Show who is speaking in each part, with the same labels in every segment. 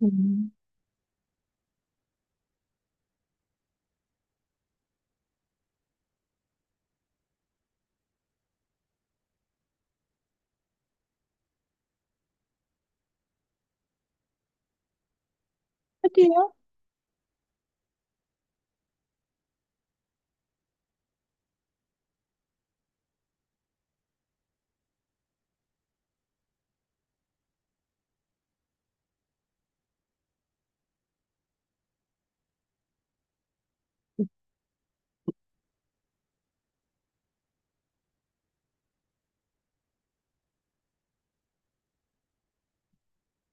Speaker 1: Hmm. Hadi ya.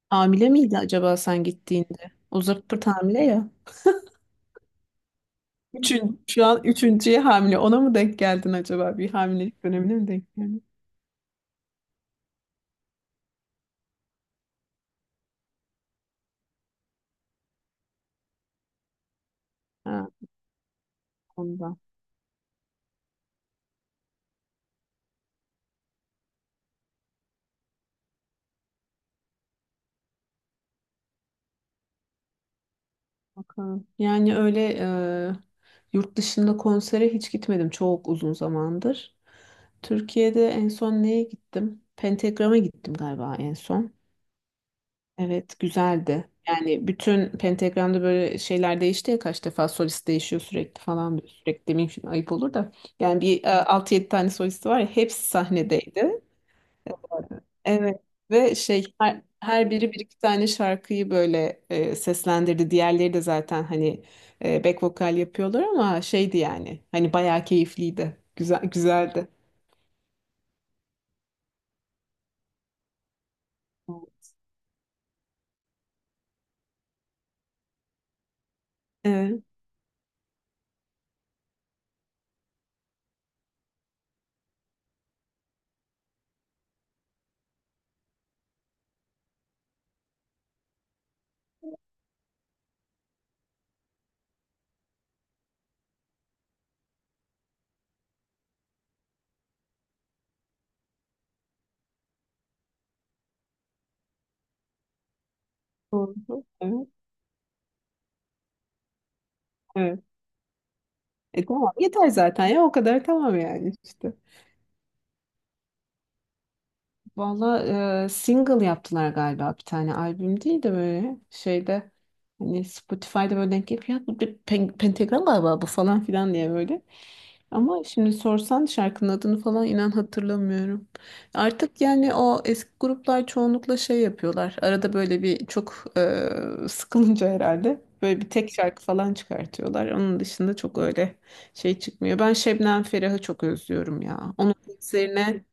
Speaker 1: Hamile miydi acaba sen gittiğinde? O zırt hamile ya. Üçün, şu an üçüncüye hamile. Ona mı denk geldin acaba? Bir hamilelik dönemine mi denk geldin? Ha, ondan. Bakalım. Yani öyle yurt dışında konsere hiç gitmedim. Çok uzun zamandır. Türkiye'de en son neye gittim? Pentagram'a gittim galiba en son. Evet, güzeldi. Yani bütün pentagramda böyle şeyler değişti ya kaç defa solist değişiyor sürekli falan böyle sürekli demeyeyim şimdi ayıp olur da. Yani bir 6-7 tane solisti var ya hepsi sahnedeydi. Evet. Ve şey her biri bir iki tane şarkıyı böyle seslendirdi. Diğerleri de zaten hani back vokal yapıyorlar ama şeydi yani hani bayağı keyifliydi. Güzel güzeldi. Evet. Doğru. Evet. Evet. E tamam yeter zaten ya o kadar tamam yani işte. Valla single yaptılar galiba bir tane albüm değil de böyle şeyde hani Spotify'da böyle denk gelip ya bu bir pentagram galiba bu falan filan diye böyle. Ama şimdi sorsan şarkının adını falan inan hatırlamıyorum. Artık yani o eski gruplar çoğunlukla şey yapıyorlar. Arada böyle bir çok sıkılınca herhalde böyle bir tek şarkı falan çıkartıyorlar. Onun dışında çok öyle şey çıkmıyor. Ben Şebnem Ferah'ı çok özlüyorum ya. Onun konserine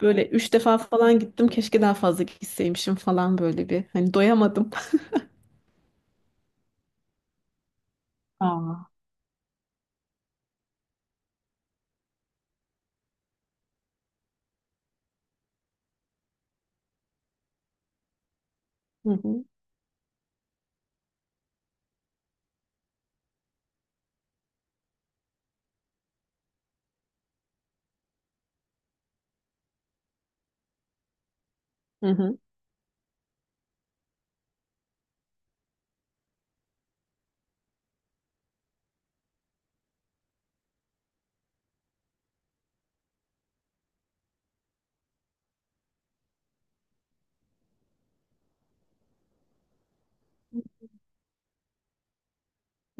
Speaker 1: böyle üç defa falan gittim. Keşke daha fazla gitseymişim falan böyle bir. Hani doyamadım. Aa. Hı hı. Hı hı.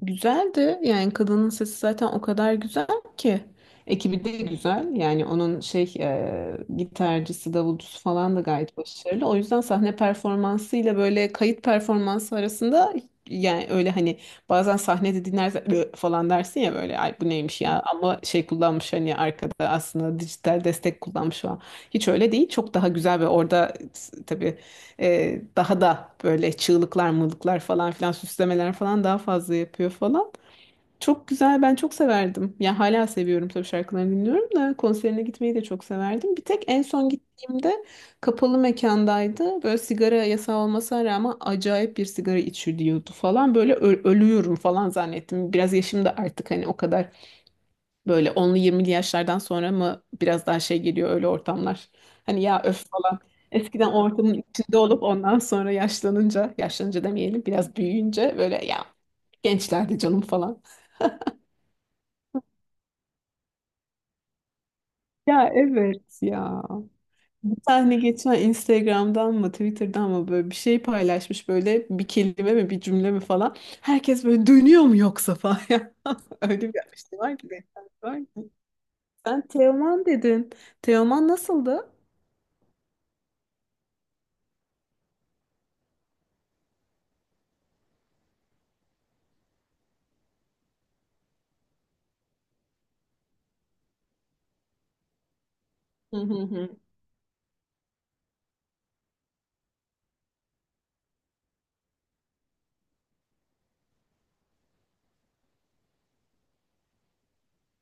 Speaker 1: Güzeldi. Yani kadının sesi zaten o kadar güzel ki. Ekibi de güzel. Yani onun şey gitarcısı, davulcusu falan da gayet başarılı. O yüzden sahne performansıyla böyle kayıt performansı arasında yani öyle hani bazen sahnede dinlersen "Ö" falan dersin ya böyle ay bu neymiş ya ama şey kullanmış hani arkada aslında dijital destek kullanmış falan. Hiç öyle değil. Çok daha güzel ve orada tabii daha da böyle çığlıklar, mırlıklar falan filan süslemeler falan daha fazla yapıyor falan. Çok güzel, ben çok severdim. Ya hala seviyorum tabii şarkılarını dinliyorum da konserine gitmeyi de çok severdim. Bir tek en son gittiğimde kapalı mekandaydı. Böyle sigara yasağı olmasına rağmen acayip bir sigara içiliyordu falan. Böyle ölüyorum falan zannettim. Biraz yaşım da artık hani o kadar böyle onlu, yirmili yaşlardan sonra mı biraz daha şey geliyor öyle ortamlar. Hani ya öf falan. Eskiden o ortamın içinde olup ondan sonra yaşlanınca, demeyelim biraz büyüyünce böyle ya gençlerdi canım falan. Ya evet ya. Bir tane geçen Instagram'dan mı Twitter'dan mı böyle bir şey paylaşmış böyle bir kelime mi bir cümle mi falan. Herkes böyle dönüyor mu yoksa falan. Öyle bir şey var ki. Var ki. Sen Teoman dedin. Teoman nasıldı? Hı hı hı.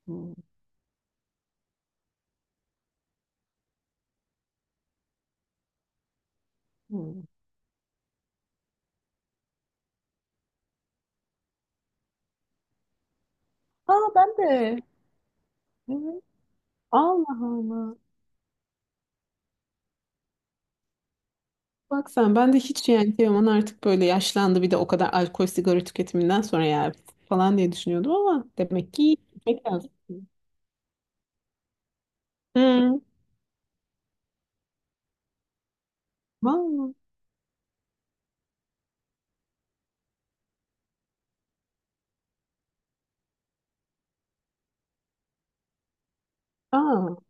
Speaker 1: Hı hı. Aa ben de. Evet. Allah Allah. Bak sen ben de hiç yani Teoman artık böyle yaşlandı bir de o kadar alkol sigara tüketiminden sonra ya falan diye düşünüyordum ama demek ki gitmek lazım. Hı. Vallahi. Aa,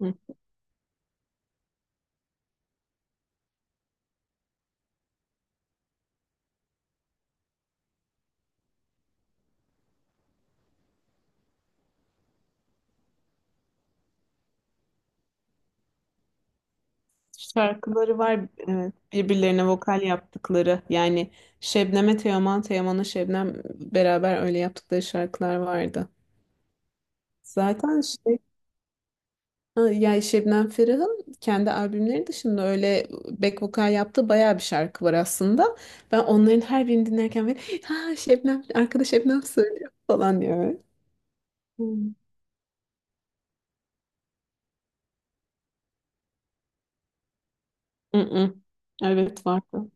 Speaker 1: hı. Şarkıları var evet, birbirlerine vokal yaptıkları yani Şebnem'e Teoman, Teoman'a Şebnem beraber öyle yaptıkları şarkılar vardı. Zaten şey ha, yani Şebnem Ferah'ın kendi albümleri dışında öyle back vokal yaptığı bayağı bir şarkı var aslında. Ben onların her birini dinlerken böyle ha Şebnem arkadaş Şebnem söylüyor falan diyor. Hı. Mm, hı. Evet vardı.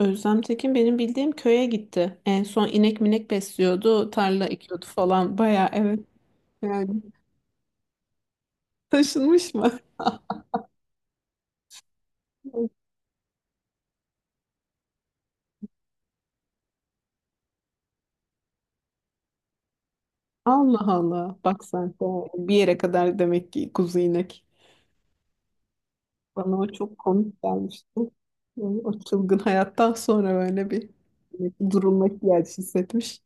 Speaker 1: Özlem Tekin benim bildiğim köye gitti. En son inek minek besliyordu, tarla ekiyordu falan. Baya evet yani taşınmış mı? Allah Allah. Bak sen de bir yere kadar demek ki kuzu inek. Bana o çok komik gelmişti. Yani o çılgın hayattan sonra böyle bir durulma ihtiyacı hissetmiş.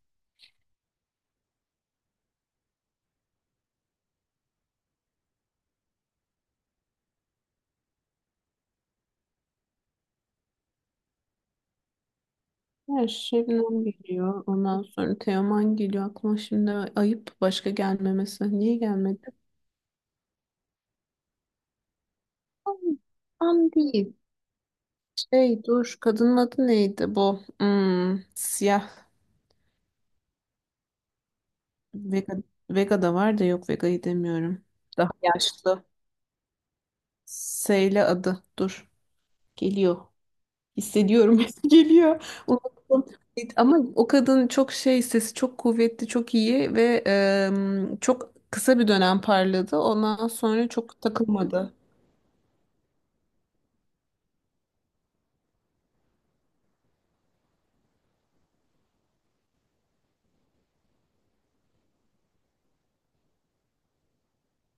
Speaker 1: Her Şebnem geliyor. Ondan sonra Teoman geliyor. Aklıma şimdi ayıp başka gelmemesi. Niye gelmedi? An, an değil. Hey dur kadının adı neydi bu? Hmm, siyah Vega, Vega da var da yok Vega'yı demiyorum. Daha yaşlı. Seyle adı dur. Geliyor. Hissediyorum geliyor. Unuttum. Ama o kadın çok şey sesi çok kuvvetli çok iyi ve çok kısa bir dönem parladı. Ondan sonra çok takılmadı.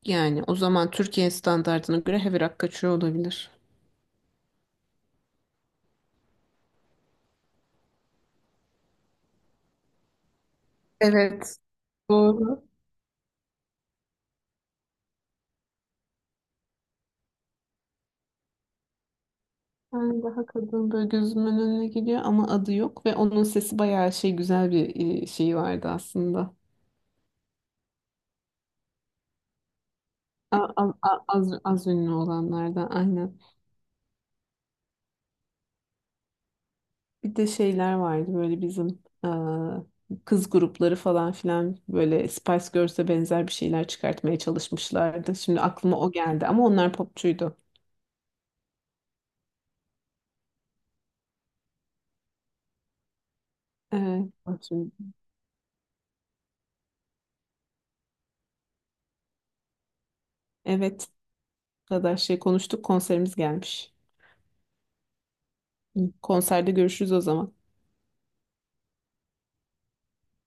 Speaker 1: Yani o zaman Türkiye standartına göre heavy rock kaçıyor olabilir. Evet. Doğru. Yani daha kadın böyle gözümün önüne geliyor ama adı yok ve onun sesi bayağı şey güzel bir şeyi vardı aslında. Az, ünlü olanlardan aynen. Bir de şeyler vardı böyle bizim kız grupları falan filan böyle Spice Girls'e benzer bir şeyler çıkartmaya çalışmışlardı. Şimdi aklıma o geldi ama onlar popçuydu. E, bak şimdi- Evet, bu kadar şey konuştuk konserimiz gelmiş. Konserde görüşürüz o zaman.